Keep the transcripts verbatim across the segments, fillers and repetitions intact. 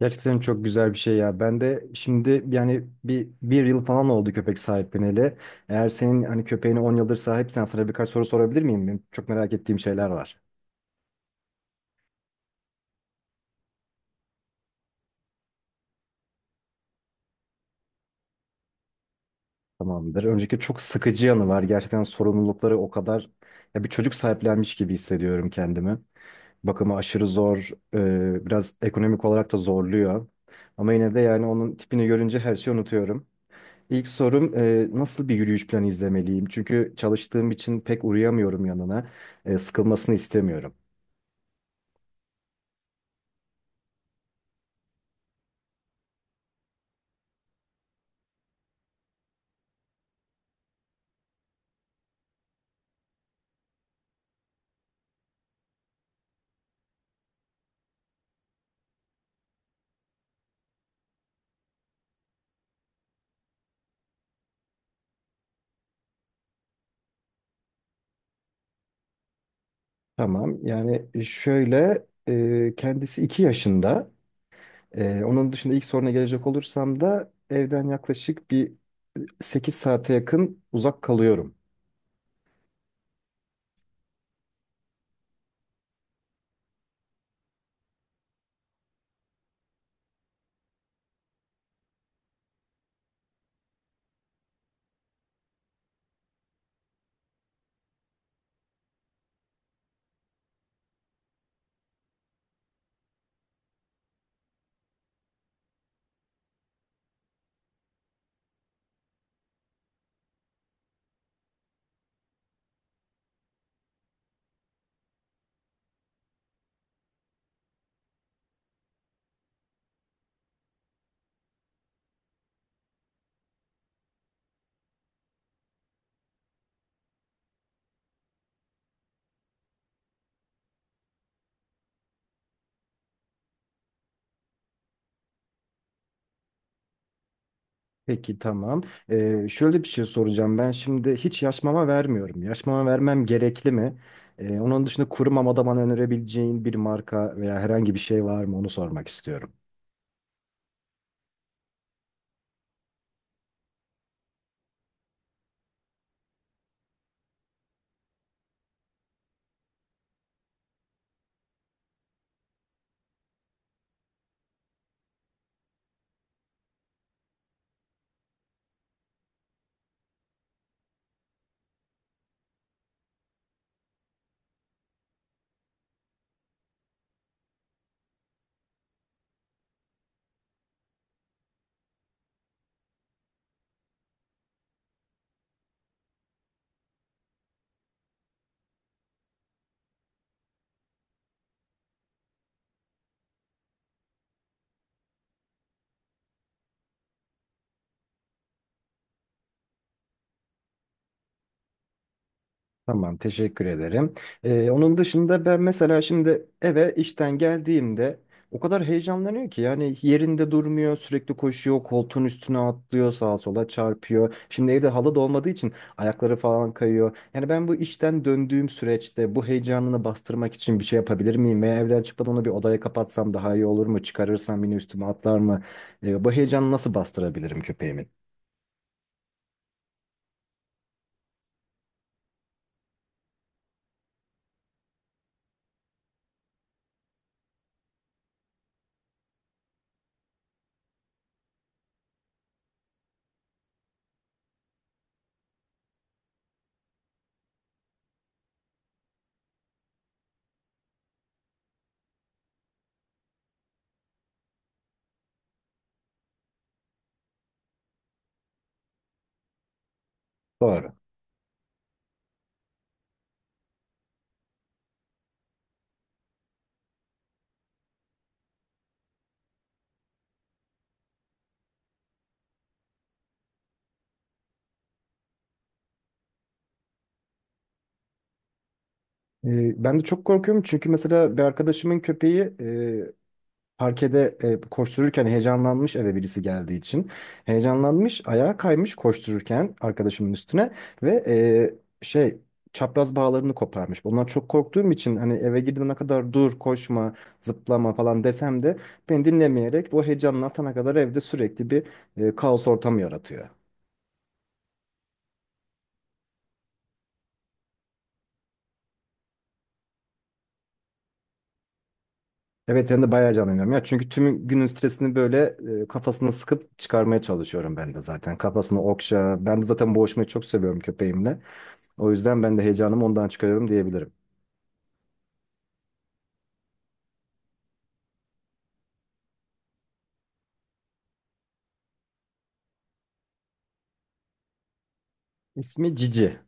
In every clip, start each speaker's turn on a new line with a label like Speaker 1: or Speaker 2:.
Speaker 1: Gerçekten çok güzel bir şey ya. Ben de şimdi yani bir, bir yıl falan oldu köpek sahipleneli. Eğer senin hani köpeğini on yıldır sahipsen sana birkaç soru sorabilir miyim? Benim çok merak ettiğim şeyler var. Tamamdır. Önceki çok sıkıcı yanı var. Gerçekten sorumlulukları o kadar ya bir çocuk sahiplenmiş gibi hissediyorum kendimi. Bakımı aşırı zor. E, biraz ekonomik olarak da zorluyor. Ama yine de yani onun tipini görünce her şeyi unutuyorum. İlk sorum e, nasıl bir yürüyüş planı izlemeliyim? Çünkü çalıştığım için pek uğrayamıyorum yanına. E, sıkılmasını istemiyorum. Tamam. Yani e, şöyle e, kendisi iki yaşında. E, onun dışında ilk soruna gelecek olursam da evden yaklaşık bir e, sekiz saate yakın uzak kalıyorum. Peki tamam. Ee, şöyle bir şey soracağım. Ben şimdi hiç yaş mama vermiyorum. Yaş mama vermem gerekli mi? Ee, onun dışında kuru mamada bana önerebileceğin bir marka veya herhangi bir şey var mı? Onu sormak istiyorum. Tamam, teşekkür ederim. Ee, onun dışında ben mesela şimdi eve işten geldiğimde o kadar heyecanlanıyor ki yani yerinde durmuyor, sürekli koşuyor, koltuğun üstüne atlıyor, sağa sola çarpıyor. Şimdi evde halı da olmadığı için ayakları falan kayıyor. Yani ben bu işten döndüğüm süreçte bu heyecanını bastırmak için bir şey yapabilir miyim? Veya evden çıkmadan onu bir odaya kapatsam daha iyi olur mu? Çıkarırsam yine üstüme atlar mı? Ee, bu heyecanı nasıl bastırabilirim köpeğimin? Doğru. Ee, Ben de çok korkuyorum çünkü mesela bir arkadaşımın köpeği e, parkede e, koştururken heyecanlanmış eve birisi geldiği için. Heyecanlanmış, ayağa kaymış koştururken arkadaşımın üstüne ve e, şey çapraz bağlarını koparmış. Bundan çok korktuğum için hani eve girdiğime kadar dur, koşma, zıplama falan desem de beni dinlemeyerek bu heyecanını atana kadar evde sürekli bir e, kaos ortamı yaratıyor. Evet ben de bayağı canlanıyorum ya. Çünkü tüm günün stresini böyle e, kafasına sıkıp çıkarmaya çalışıyorum ben de zaten. Kafasını okşa. Ben de zaten boğuşmayı çok seviyorum köpeğimle. O yüzden ben de heyecanımı ondan çıkarıyorum diyebilirim. İsmi Cici.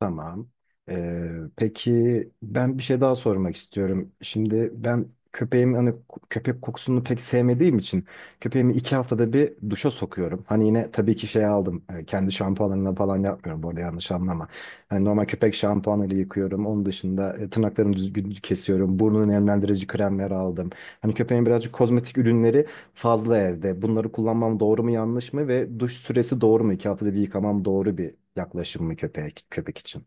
Speaker 1: Tamam. Ee, peki ben bir şey daha sormak istiyorum. Şimdi ben köpeğim hani köpek kokusunu pek sevmediğim için köpeğimi iki haftada bir duşa sokuyorum. Hani yine tabii ki şey aldım. e, Kendi şampuanlarımla falan yapmıyorum bu arada, yanlış anlama. Hani normal köpek şampuanıyla yıkıyorum. Onun dışında e, tırnaklarını düzgün kesiyorum. Burnunu nemlendirici kremler aldım. Hani köpeğin birazcık kozmetik ürünleri fazla evde. Bunları kullanmam doğru mu yanlış mı ve duş süresi doğru mu? İki haftada bir yıkamam doğru bir yaklaşım mı köpeğe, köpek için?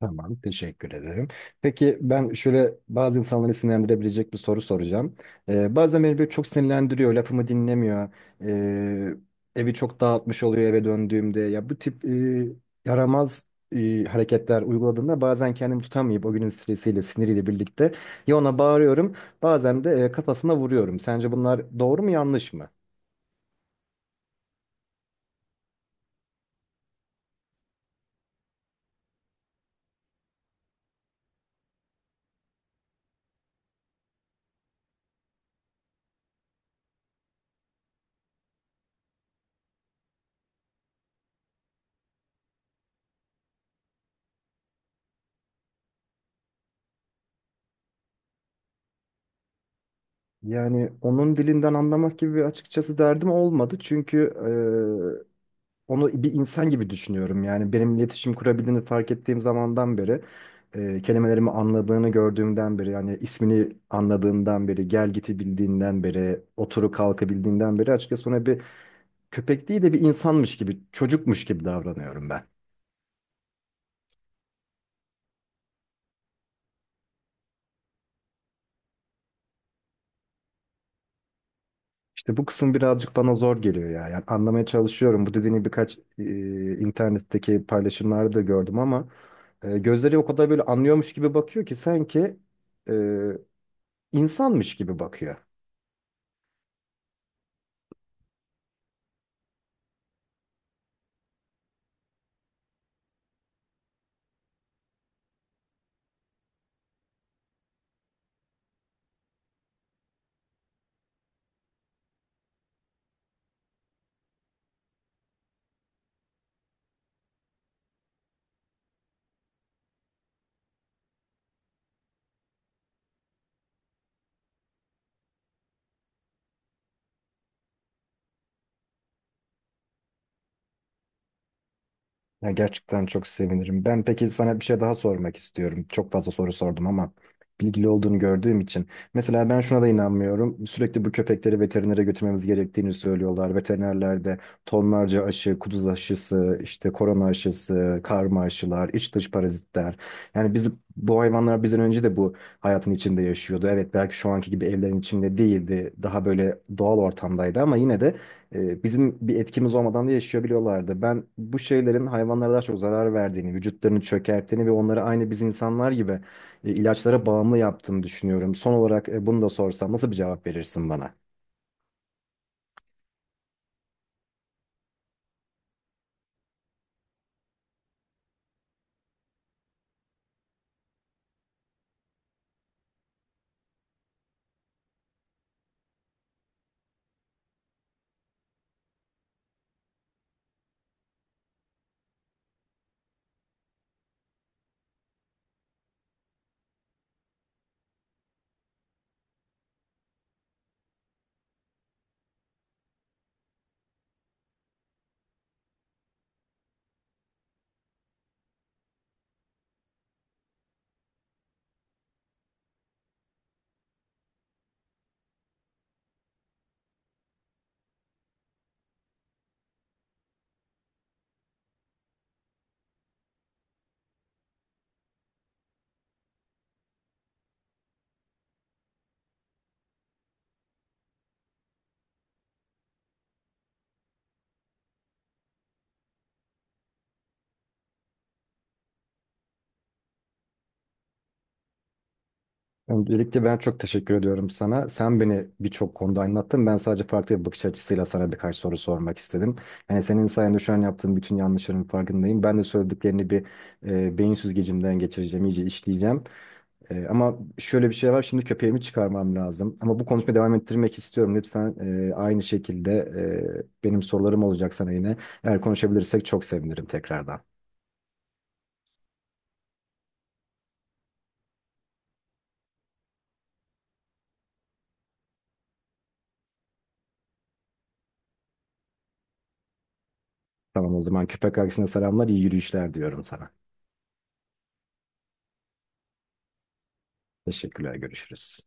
Speaker 1: Tamam, teşekkür ederim. Peki ben şöyle bazı insanları sinirlendirebilecek bir soru soracağım. Ee, bazen beni böyle çok sinirlendiriyor, lafımı dinlemiyor. Ee, Evi çok dağıtmış oluyor eve döndüğümde. Ya bu tip e, yaramaz e, hareketler uyguladığında bazen kendimi tutamayıp o günün stresiyle, siniriyle birlikte ya ona bağırıyorum, bazen de e, kafasına vuruyorum. Sence bunlar doğru mu, yanlış mı? Yani onun dilinden anlamak gibi bir açıkçası derdim olmadı. Çünkü onu bir insan gibi düşünüyorum. Yani benim iletişim kurabildiğini fark ettiğim zamandan beri, e, kelimelerimi anladığını gördüğümden beri, yani ismini anladığından beri, gel giti bildiğinden beri, oturu kalkı bildiğinden beri açıkçası ona bir köpek değil de bir insanmış gibi, çocukmuş gibi davranıyorum ben. İşte bu kısım birazcık bana zor geliyor ya. Yani anlamaya çalışıyorum. Bu dediğini birkaç e, internetteki paylaşımlarda da gördüm ama e, gözleri o kadar böyle anlıyormuş gibi bakıyor ki sanki e, insanmış gibi bakıyor. Ya gerçekten çok sevinirim. Ben peki sana bir şey daha sormak istiyorum. Çok fazla soru sordum ama bilgili olduğunu gördüğüm için. Mesela ben şuna da inanmıyorum. Sürekli bu köpekleri veterinere götürmemiz gerektiğini söylüyorlar. Veterinerler de tonlarca aşı, kuduz aşısı, işte korona aşısı, karma aşılar, iç dış parazitler. Yani biz bu hayvanlar bizden önce de bu hayatın içinde yaşıyordu. Evet, belki şu anki gibi evlerin içinde değildi. Daha böyle doğal ortamdaydı ama yine de e, bizim bir etkimiz olmadan da yaşayabiliyorlardı. Ben bu şeylerin hayvanlara daha çok zarar verdiğini, vücutlarını çökerttiğini ve onları aynı biz insanlar gibi e, ilaçlara bağımlı yaptığını düşünüyorum. Son olarak e, bunu da sorsam nasıl bir cevap verirsin bana? Öncelikle ben çok teşekkür ediyorum sana. Sen beni birçok konuda anlattın. Ben sadece farklı bir bakış açısıyla sana birkaç soru sormak istedim. Yani senin sayende şu an yaptığım bütün yanlışların farkındayım. Ben de söylediklerini bir e, beyin süzgecimden geçireceğim, iyice işleyeceğim. Ee, ama şöyle bir şey var. Şimdi köpeğimi çıkarmam lazım. Ama bu konuşmayı devam ettirmek istiyorum. Lütfen e, aynı şekilde e, benim sorularım olacak sana yine. Eğer konuşabilirsek çok sevinirim tekrardan. Tamam, o zaman köpek arkadaşına selamlar, iyi yürüyüşler diyorum sana. Teşekkürler, görüşürüz.